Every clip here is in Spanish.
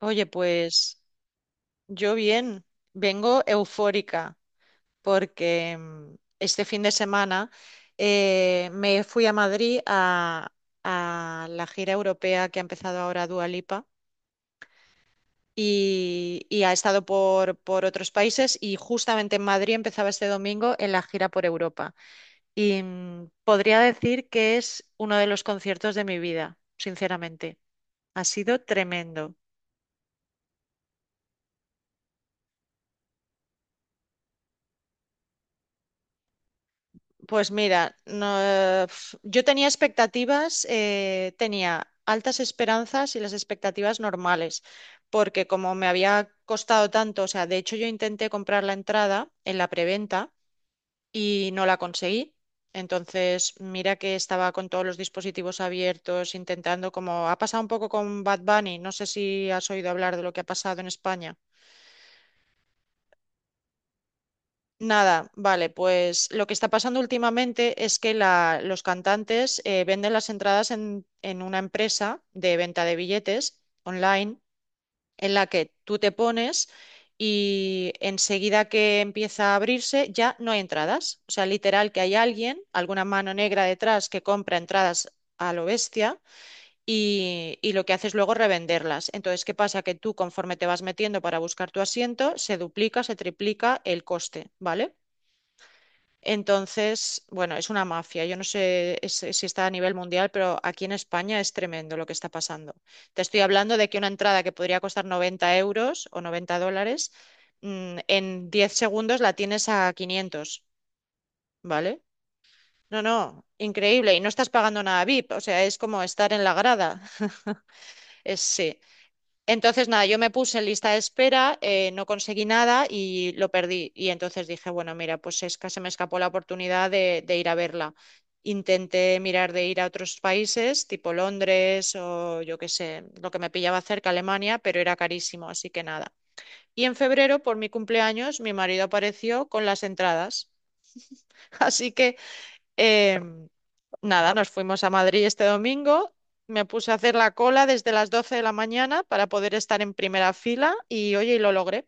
Oye, pues yo bien, vengo eufórica porque este fin de semana me fui a Madrid a la gira europea que ha empezado ahora Dua Lipa y ha estado por otros países y justamente en Madrid empezaba este domingo en la gira por Europa. Y podría decir que es uno de los conciertos de mi vida, sinceramente. Ha sido tremendo. Pues mira, no, yo tenía expectativas, tenía altas esperanzas y las expectativas normales, porque como me había costado tanto, o sea, de hecho yo intenté comprar la entrada en la preventa y no la conseguí. Entonces, mira que estaba con todos los dispositivos abiertos, intentando, como ha pasado un poco con Bad Bunny, no sé si has oído hablar de lo que ha pasado en España. Nada, vale, pues lo que está pasando últimamente es que los cantantes venden las entradas en una empresa de venta de billetes online en la que tú te pones y enseguida que empieza a abrirse ya no hay entradas. O sea, literal que hay alguien, alguna mano negra detrás que compra entradas a lo bestia y lo que hace es luego revenderlas. Entonces, ¿qué pasa? Que tú conforme te vas metiendo para buscar tu asiento, se duplica, se triplica el coste, ¿vale? Entonces, bueno, es una mafia. Yo no sé si está a nivel mundial, pero aquí en España es tremendo lo que está pasando. Te estoy hablando de que una entrada que podría costar 90 euros o 90 dólares, en 10 segundos la tienes a 500, ¿vale? No, no, increíble. Y no estás pagando nada VIP, o sea, es como estar en la grada. Es, sí. Entonces, nada, yo me puse en lista de espera, no conseguí nada y lo perdí. Y entonces dije, bueno, mira, pues es que se me escapó la oportunidad de ir a verla. Intenté mirar de ir a otros países, tipo Londres o yo qué sé, lo que me pillaba cerca, Alemania, pero era carísimo, así que nada. Y en febrero, por mi cumpleaños, mi marido apareció con las entradas. Así que Em, nada, nos fuimos a Madrid este domingo. Me puse a hacer la cola desde las 12 de la mañana para poder estar en primera fila y oye, y lo logré.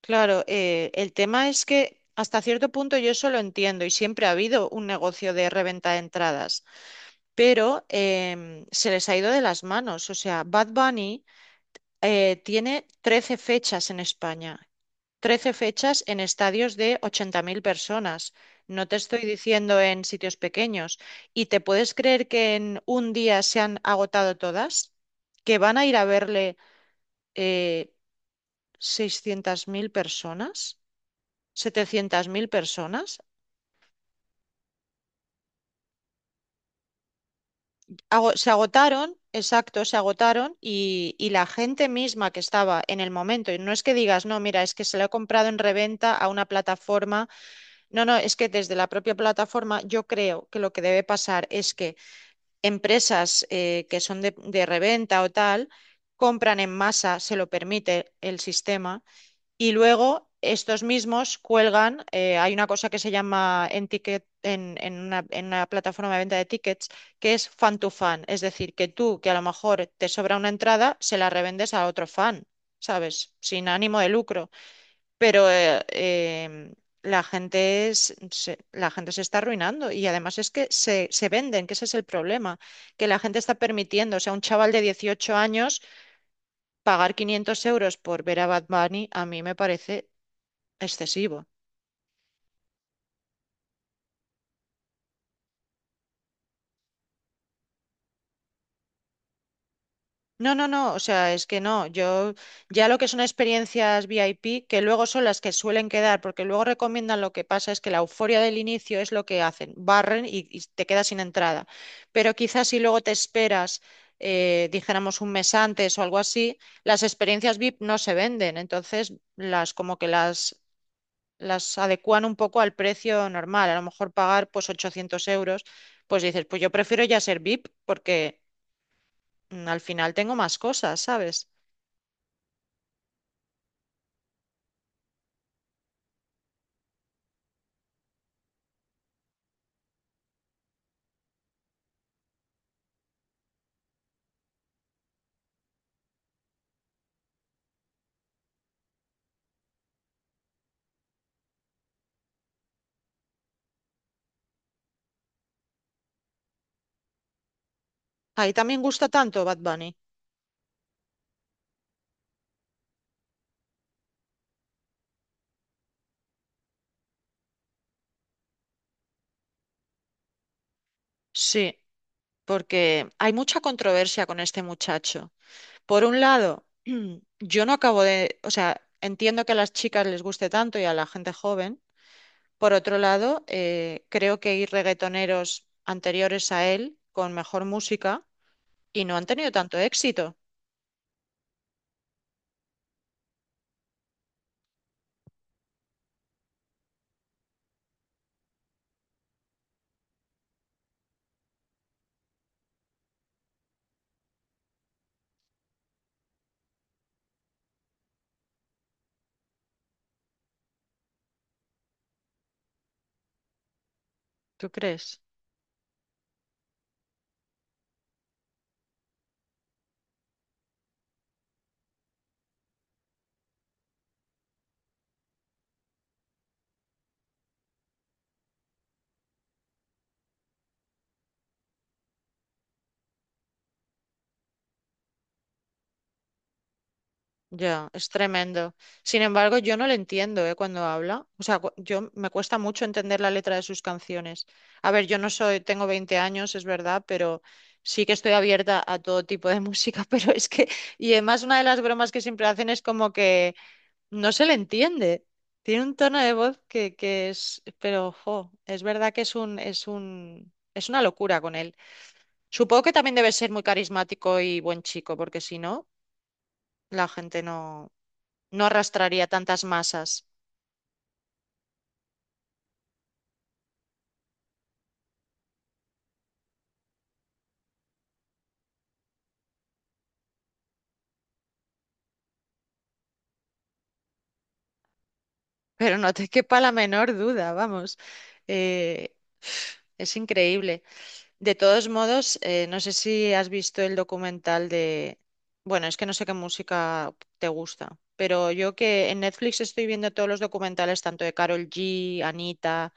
Claro, el tema es que hasta cierto punto yo eso lo entiendo y siempre ha habido un negocio de reventa de entradas, pero se les ha ido de las manos. O sea, Bad Bunny tiene 13 fechas en España. 13 fechas en estadios de 80.000 personas. No te estoy diciendo en sitios pequeños. ¿Y te puedes creer que en un día se han agotado todas? ¿Que van a ir a verle eh, 600.000 personas? ¿700.000 personas? Se agotaron, exacto, se agotaron y la gente misma que estaba en el momento, y no es que digas, no, mira, es que se lo he comprado en reventa a una plataforma. No, no, es que desde la propia plataforma yo creo que lo que debe pasar es que empresas que son de reventa o tal, compran en masa, se lo permite el sistema, y luego estos mismos cuelgan, hay una cosa que se llama en ticket, en una, plataforma de venta de tickets, que es fan to fan, es decir, que tú, que a lo mejor te sobra una entrada, se la revendes a otro fan, ¿sabes? Sin ánimo de lucro, pero em, la gente la gente se está arruinando y además es que se venden, que ese es el problema, que la gente está permitiendo, o sea, un chaval de 18 años pagar 500 euros por ver a Bad Bunny a mí me parece excesivo. No, no, no, o sea, es que no, yo ya lo que son experiencias VIP, que luego son las que suelen quedar, porque luego recomiendan lo que pasa es que la euforia del inicio es lo que hacen, barren y te quedas sin entrada. Pero quizás si luego te esperas, dijéramos un mes antes o algo así, las experiencias VIP no se venden, entonces las como que las adecúan un poco al precio normal, a lo mejor pagar pues 800 euros, pues dices, pues yo prefiero ya ser VIP porque al final tengo más cosas, ¿sabes? Ahí también gusta tanto Bad Bunny. Sí, porque hay mucha controversia con este muchacho. Por un lado, yo no acabo de, o sea, entiendo que a las chicas les guste tanto y a la gente joven. Por otro lado, creo que hay reggaetoneros anteriores a él con mejor música y no han tenido tanto éxito. ¿Tú crees? Ya, es tremendo. Sin embargo, yo no le entiendo, ¿eh?, cuando habla. O sea, yo me cuesta mucho entender la letra de sus canciones. A ver, yo no soy, tengo 20 años, es verdad, pero sí que estoy abierta a todo tipo de música, pero es que, y además una de las bromas que siempre hacen es como que no se le entiende. Tiene un tono de voz que es, pero ojo, es verdad que es una locura con él. Supongo que también debe ser muy carismático y buen chico, porque si no, la gente no arrastraría tantas masas, pero no te quepa la menor duda, vamos. Eh, es increíble. De todos modos, no sé si has visto el documental de... Bueno, es que no sé qué música te gusta, pero yo que en Netflix estoy viendo todos los documentales, tanto de Karol G, Anita,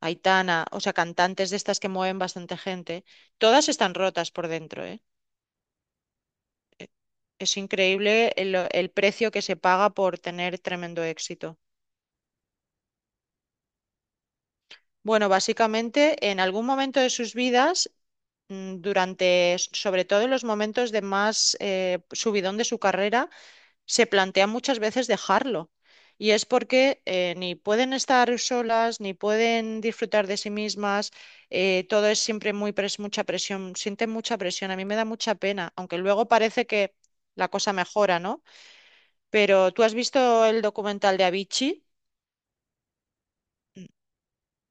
Aitana, o sea, cantantes de estas que mueven bastante gente, todas están rotas por dentro, ¿eh? Es increíble el precio que se paga por tener tremendo éxito. Bueno, básicamente en algún momento de sus vidas, durante, sobre todo en los momentos de más subidón de su carrera, se plantea muchas veces dejarlo. Y es porque ni pueden estar solas, ni pueden disfrutar de sí mismas, todo es siempre muy mucha presión, sienten mucha presión, a mí me da mucha pena, aunque luego parece que la cosa mejora, ¿no? Pero ¿tú has visto el documental de Avicii? Mm,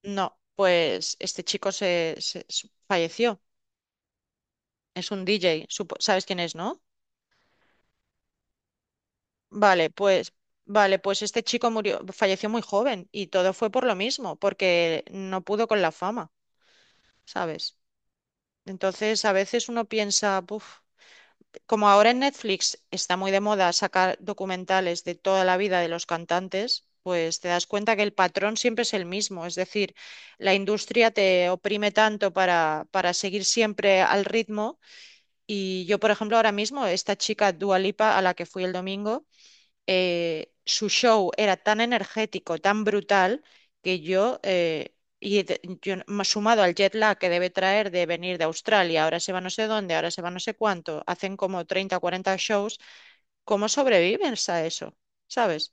no, pues este chico falleció. Es un DJ, ¿sabes quién es, no? Vale, pues, vale, pues este chico murió, falleció muy joven y todo fue por lo mismo, porque no pudo con la fama, ¿sabes? Entonces, a veces uno piensa, "Buf", como ahora en Netflix está muy de moda sacar documentales de toda la vida de los cantantes, pues te das cuenta que el patrón siempre es el mismo, es decir, la industria te oprime tanto para seguir siempre al ritmo. Y yo, por ejemplo, ahora mismo, esta chica Dua Lipa, a la que fui el domingo, su show era tan energético, tan brutal, que yo, más sumado al jet lag que debe traer de venir de Australia, ahora se va no sé dónde, ahora se va no sé cuánto, hacen como 30 o 40 shows, ¿cómo sobrevives a eso? ¿Sabes?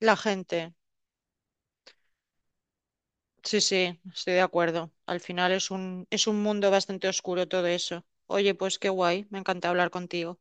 La gente. Sí, sí, estoy de acuerdo. Al final es un mundo bastante oscuro todo eso. Oye, pues qué guay, me encanta hablar contigo.